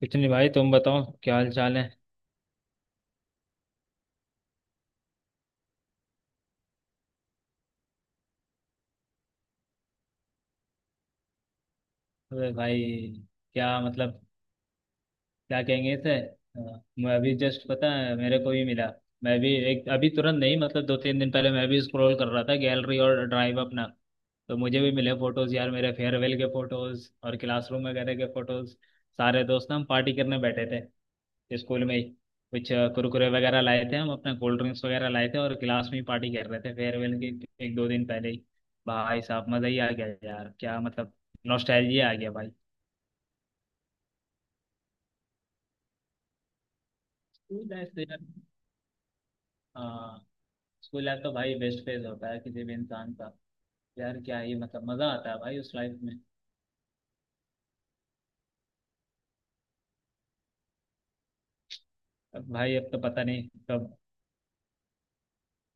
कुछ नहीं भाई, तुम बताओ क्या हाल चाल है। अरे भाई, क्या मतलब। क्या कहेंगे इसे। मैं अभी जस्ट, पता है, मेरे को भी मिला। मैं भी एक अभी तुरंत नहीं, मतलब दो तीन दिन पहले मैं भी स्क्रॉल कर रहा था गैलरी और ड्राइव अपना। तो मुझे भी मिले फोटोज यार, मेरे फेयरवेल के फोटोज और क्लासरूम वगैरह के फोटोज। सारे दोस्त ना, हम पार्टी करने बैठे थे स्कूल में ही। कुछ कुरकुरे वगैरह लाए थे हम, अपना कोल्ड ड्रिंक्स वगैरह लाए थे और क्लास में ही पार्टी कर रहे थे फेयरवेल के। एक दो दिन पहले ही। भाई साहब, मजा ही आ गया यार, क्या मतलब। नॉस्टैल्जिया आ गया भाई। स्कूल लाइफ तो यार। हाँ। स्कूल लाइफ तो भाई बेस्ट फेज होता है किसी भी इंसान का। यार क्या ही मतलब, मजा आता है भाई उस लाइफ में। अब भाई, अब तो पता नहीं कब।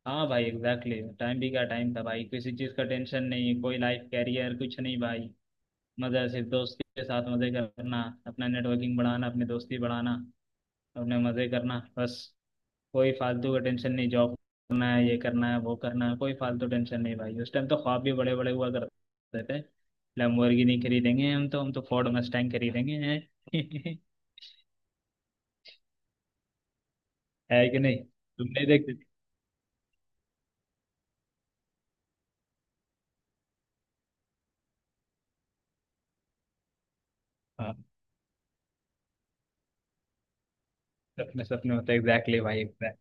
हाँ भाई, एग्जैक्टली, टाइम भी क्या टाइम था भाई, किसी चीज का टेंशन नहीं, कोई लाइफ, कैरियर, कुछ नहीं भाई। मजा सिर्फ दोस्त के साथ मजे करना, अपना नेटवर्किंग बढ़ाना, अपनी दोस्ती बढ़ाना, अपने मजे करना बस। कोई फालतू का टेंशन नहीं, जॉब करना है, ये करना है, वो करना है, कोई फालतू टेंशन नहीं भाई। उस टाइम तो ख्वाब भी बड़े बड़े हुआ करते थे। लैम्बोर्गिनी खरीदेंगे हम, तो हम तो फोर्ड मस्टैंग खरीदेंगे हैं। है कि नहीं। तुमने देखते थे? हाँ। सपने सपने होते, एग्जैक्टली भाई, exact।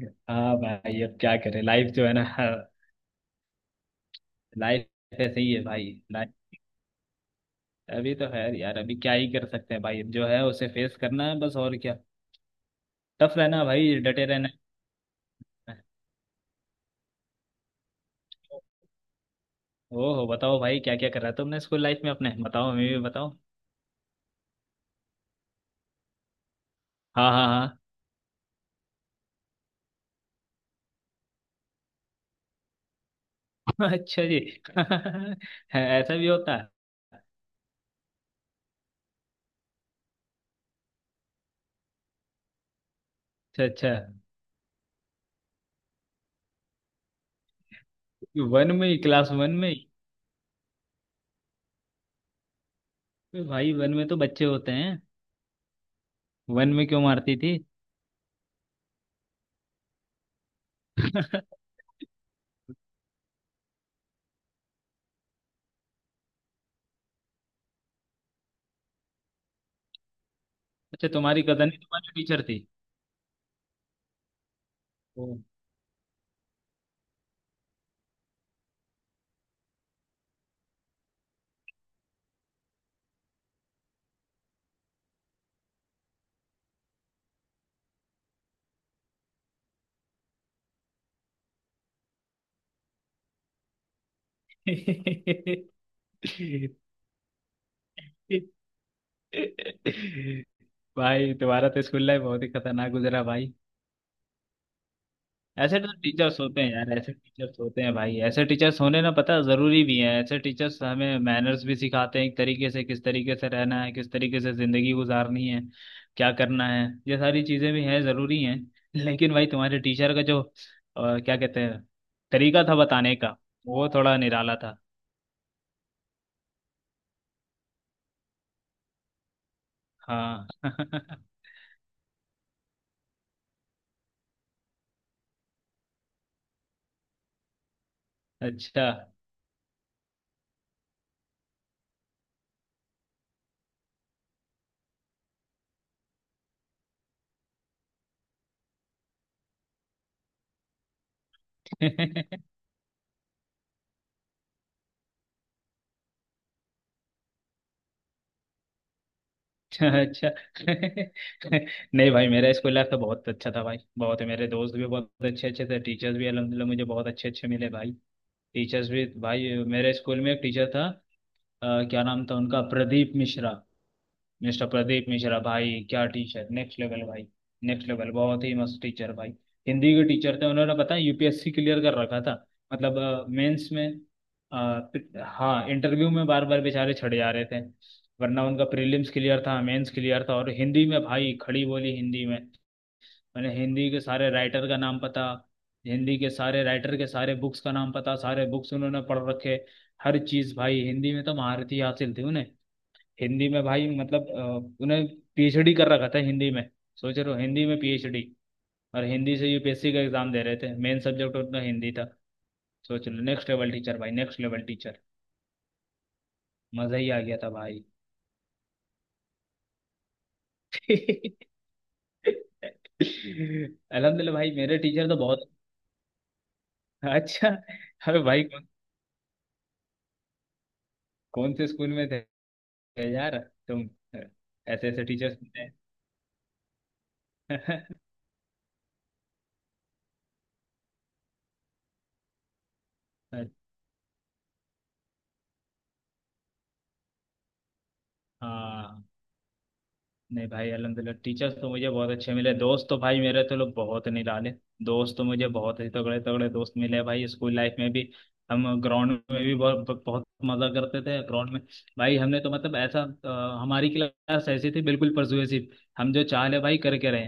हाँ भाई, अब क्या करें, लाइफ जो है ना। लाइफ ऐसे ही है भाई, लाइफ। अभी तो है यार, अभी क्या ही कर सकते हैं भाई, जो है उसे फेस करना है बस, और क्या। टफ रहना भाई, डटे रहना है। ओहो, बताओ भाई, क्या क्या कर रहा था तुमने स्कूल लाइफ में अपने, बताओ, हमें भी बताओ। हाँ, हाँ, हाँ। अच्छा जी। ऐसा भी होता है। अच्छा, अच्छा। वन में ही, क्लास वन में ही। अरे भाई, वन में तो बच्चे होते हैं। वन में क्यों मारती थी। अच्छा, तुम्हारी कजन ही तुम्हारी टीचर थी। ओ। भाई तुम्हारा तो स्कूल लाइफ बहुत ही खतरनाक गुजरा भाई। ऐसे तो टीचर्स होते हैं यार, ऐसे टीचर्स होते हैं भाई, ऐसे टीचर्स होने ना, पता है, जरूरी भी है। ऐसे टीचर्स हमें मैनर्स भी सिखाते हैं एक तरीके से, किस तरीके से रहना है, किस तरीके से जिंदगी गुजारनी है, क्या करना है, ये सारी चीजें भी हैं, जरूरी हैं। लेकिन भाई, तुम्हारे टीचर का जो क्या कहते हैं, तरीका था बताने का, वो थोड़ा निराला था। हाँ। अच्छा। अच्छा। नहीं भाई, मेरा स्कूल लाइफ तो बहुत अच्छा था भाई, बहुत। मेरे दोस्त भी बहुत अच्छे अच्छे थे, टीचर्स भी अलहमदिल्ला मुझे बहुत अच्छे अच्छे मिले भाई। टीचर्स भी भाई। मेरे स्कूल में एक टीचर था, क्या नाम था उनका, प्रदीप मिश्रा। मिस्टर प्रदीप मिश्रा भाई, क्या टीचर, नेक्स्ट लेवल भाई। नेक्स्ट लेवल, बहुत ही मस्त टीचर भाई। हिंदी के टीचर थे, उन्होंने पता है यूपीएससी क्लियर कर रखा था। मतलब मेंस में हाँ, इंटरव्यू में बार बार बेचारे छड़े जा रहे थे। वरना उनका प्रीलिम्स क्लियर था, मेंस क्लियर था, और हिंदी में भाई, खड़ी बोली हिंदी में। मैंने हिंदी के सारे राइटर का नाम पता। हिंदी के सारे राइटर के सारे बुक्स का नाम पता, सारे बुक्स उन्होंने पढ़ रखे। हर चीज़ भाई, हिंदी में तो महारत ही हासिल थी उन्हें। हिंदी में भाई, मतलब उन्हें पीएचडी कर रखा था हिंदी में। सोच रहे हो, हिंदी में पीएचडी। और हिंदी से यूपीएससी का एग्जाम दे रहे थे, मेन सब्जेक्ट उनका हिंदी था। सोच लो, नेक्स्ट लेवल टीचर भाई, नेक्स्ट लेवल टीचर। मजा ही आ गया था भाई। अलहमदुल्ला भाई, मेरे टीचर तो बहुत। अच्छा। अरे भाई, कौन, कौन से स्कूल में थे यार तुम, ऐसे ऐसे टीचर्स थे। हाँ। नहीं भाई, अलहमदिल्ला टीचर्स तो मुझे बहुत अच्छे मिले, दोस्त तो भाई मेरे तो लोग बहुत निराले। दोस्त तो मुझे बहुत ही तगड़े तगड़े दोस्त मिले भाई, स्कूल लाइफ में भी। हम ग्राउंड में भी बहुत बहुत मजा करते थे ग्राउंड में। भाई हमने तो मतलब ऐसा हमारी क्लास ऐसी थी बिल्कुल परसुएसिव। हम जो चाह ले भाई, करके रहे।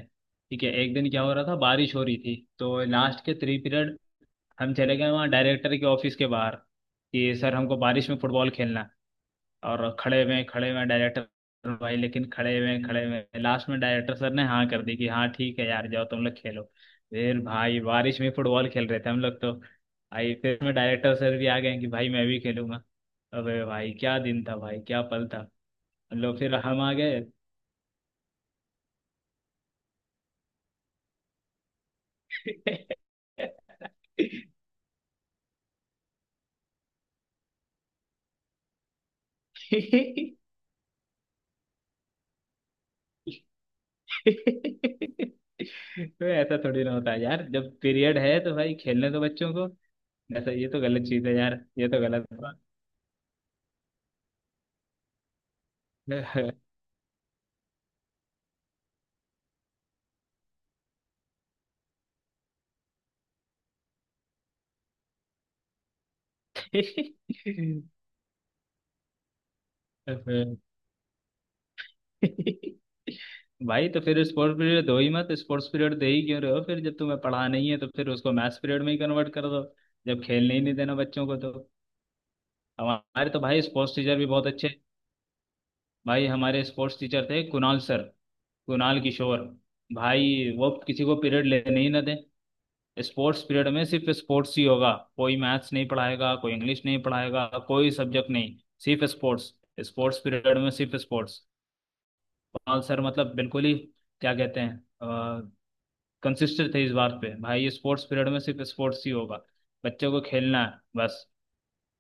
ठीक है, एक दिन क्या हो रहा था, बारिश हो रही थी तो लास्ट के थ्री पीरियड हम चले गए वहाँ डायरेक्टर के ऑफिस के बाहर कि सर, हमको बारिश में फुटबॉल खेलना है। और खड़े हुए डायरेक्टर भाई, लेकिन खड़े हुए लास्ट में डायरेक्टर सर ने हाँ कर दी कि हाँ ठीक है यार, जाओ तुम लोग खेलो। फिर भाई बारिश में फुटबॉल खेल रहे थे हम लोग, तो भाई फिर में डायरेक्टर सर भी आ गए कि भाई मैं भी खेलूंगा। अबे भाई, क्या दिन था भाई, क्या पल था। हम लोग फिर हम आ गए। तो ऐसा थोड़ी ना होता है यार, जब पीरियड है तो भाई खेलने दो बच्चों को। ऐसा ये तो गलत चीज है यार, ये तो गलत हुआ। तो फिर भाई, तो फिर स्पोर्ट्स पीरियड दो ही मत, स्पोर्ट्स पीरियड दे ही क्यों रहे हो फिर, जब तुम्हें पढ़ा नहीं है तो फिर उसको मैथ्स पीरियड में ही कन्वर्ट कर दो। जब खेलने ही नहीं देना बच्चों को तो। हमारे तो भाई स्पोर्ट्स टीचर भी बहुत अच्छे। भाई, हमारे स्पोर्ट्स टीचर थे कुणाल सर, कुणाल किशोर। भाई वो किसी को पीरियड लेने ही ना दें। स्पोर्ट्स पीरियड में सिर्फ स्पोर्ट्स ही होगा, कोई मैथ्स नहीं पढ़ाएगा, कोई इंग्लिश नहीं पढ़ाएगा, कोई सब्जेक्ट नहीं, सिर्फ स्पोर्ट्स। स्पोर्ट्स पीरियड में सिर्फ स्पोर्ट्स। हाँ सर, मतलब बिल्कुल ही, क्या कहते हैं, कंसिस्टेंट थे इस बात पे भाई, ये स्पोर्ट्स पीरियड में सिर्फ स्पोर्ट्स ही होगा। बच्चों को खेलना है बस,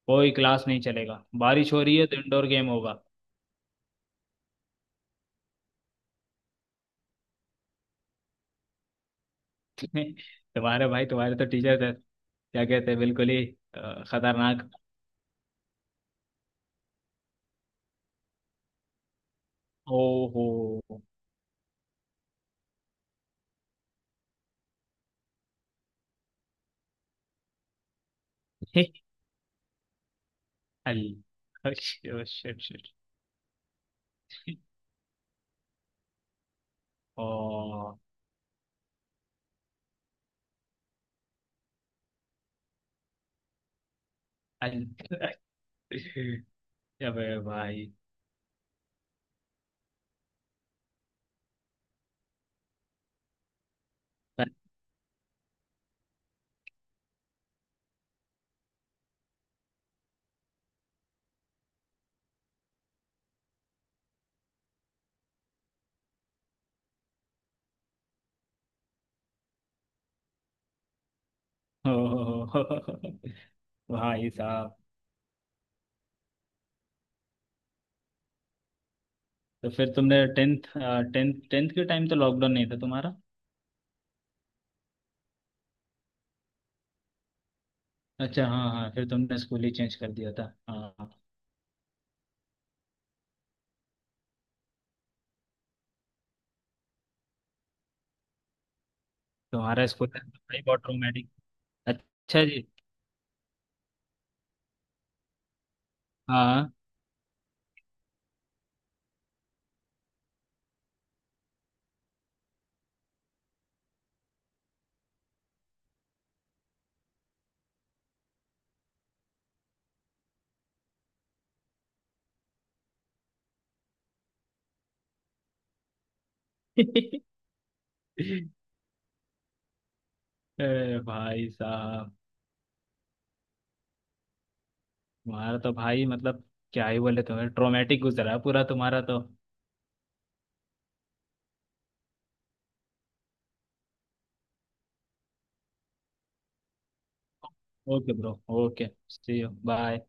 कोई क्लास नहीं चलेगा, बारिश हो रही है तो इंडोर गेम होगा। तुम्हारे भाई, तुम्हारे तो टीचर थे, क्या कहते हैं बिल्कुल ही। खतरनाक। ओ हो। शिट। ओ। अल- अबे भाई। ओ। भाई साहब। तो फिर तुमने टेंथ। टेंथ के टाइम तो लॉकडाउन नहीं था तुम्हारा। अच्छा, हाँ हाँ, फिर तुमने स्कूल ही चेंज कर दिया था। हाँ, हाँ। तुम्हारा स्कूल था तो भाई बहुत रोमांटिक। अच्छा जी। हाँ। अरे भाई साहब। तुम्हारा तो भाई मतलब, क्या ही बोले, तुम्हें ट्रोमेटिक गुजरा है पूरा तुम्हारा तो। Okay bro. Okay, see you, bye.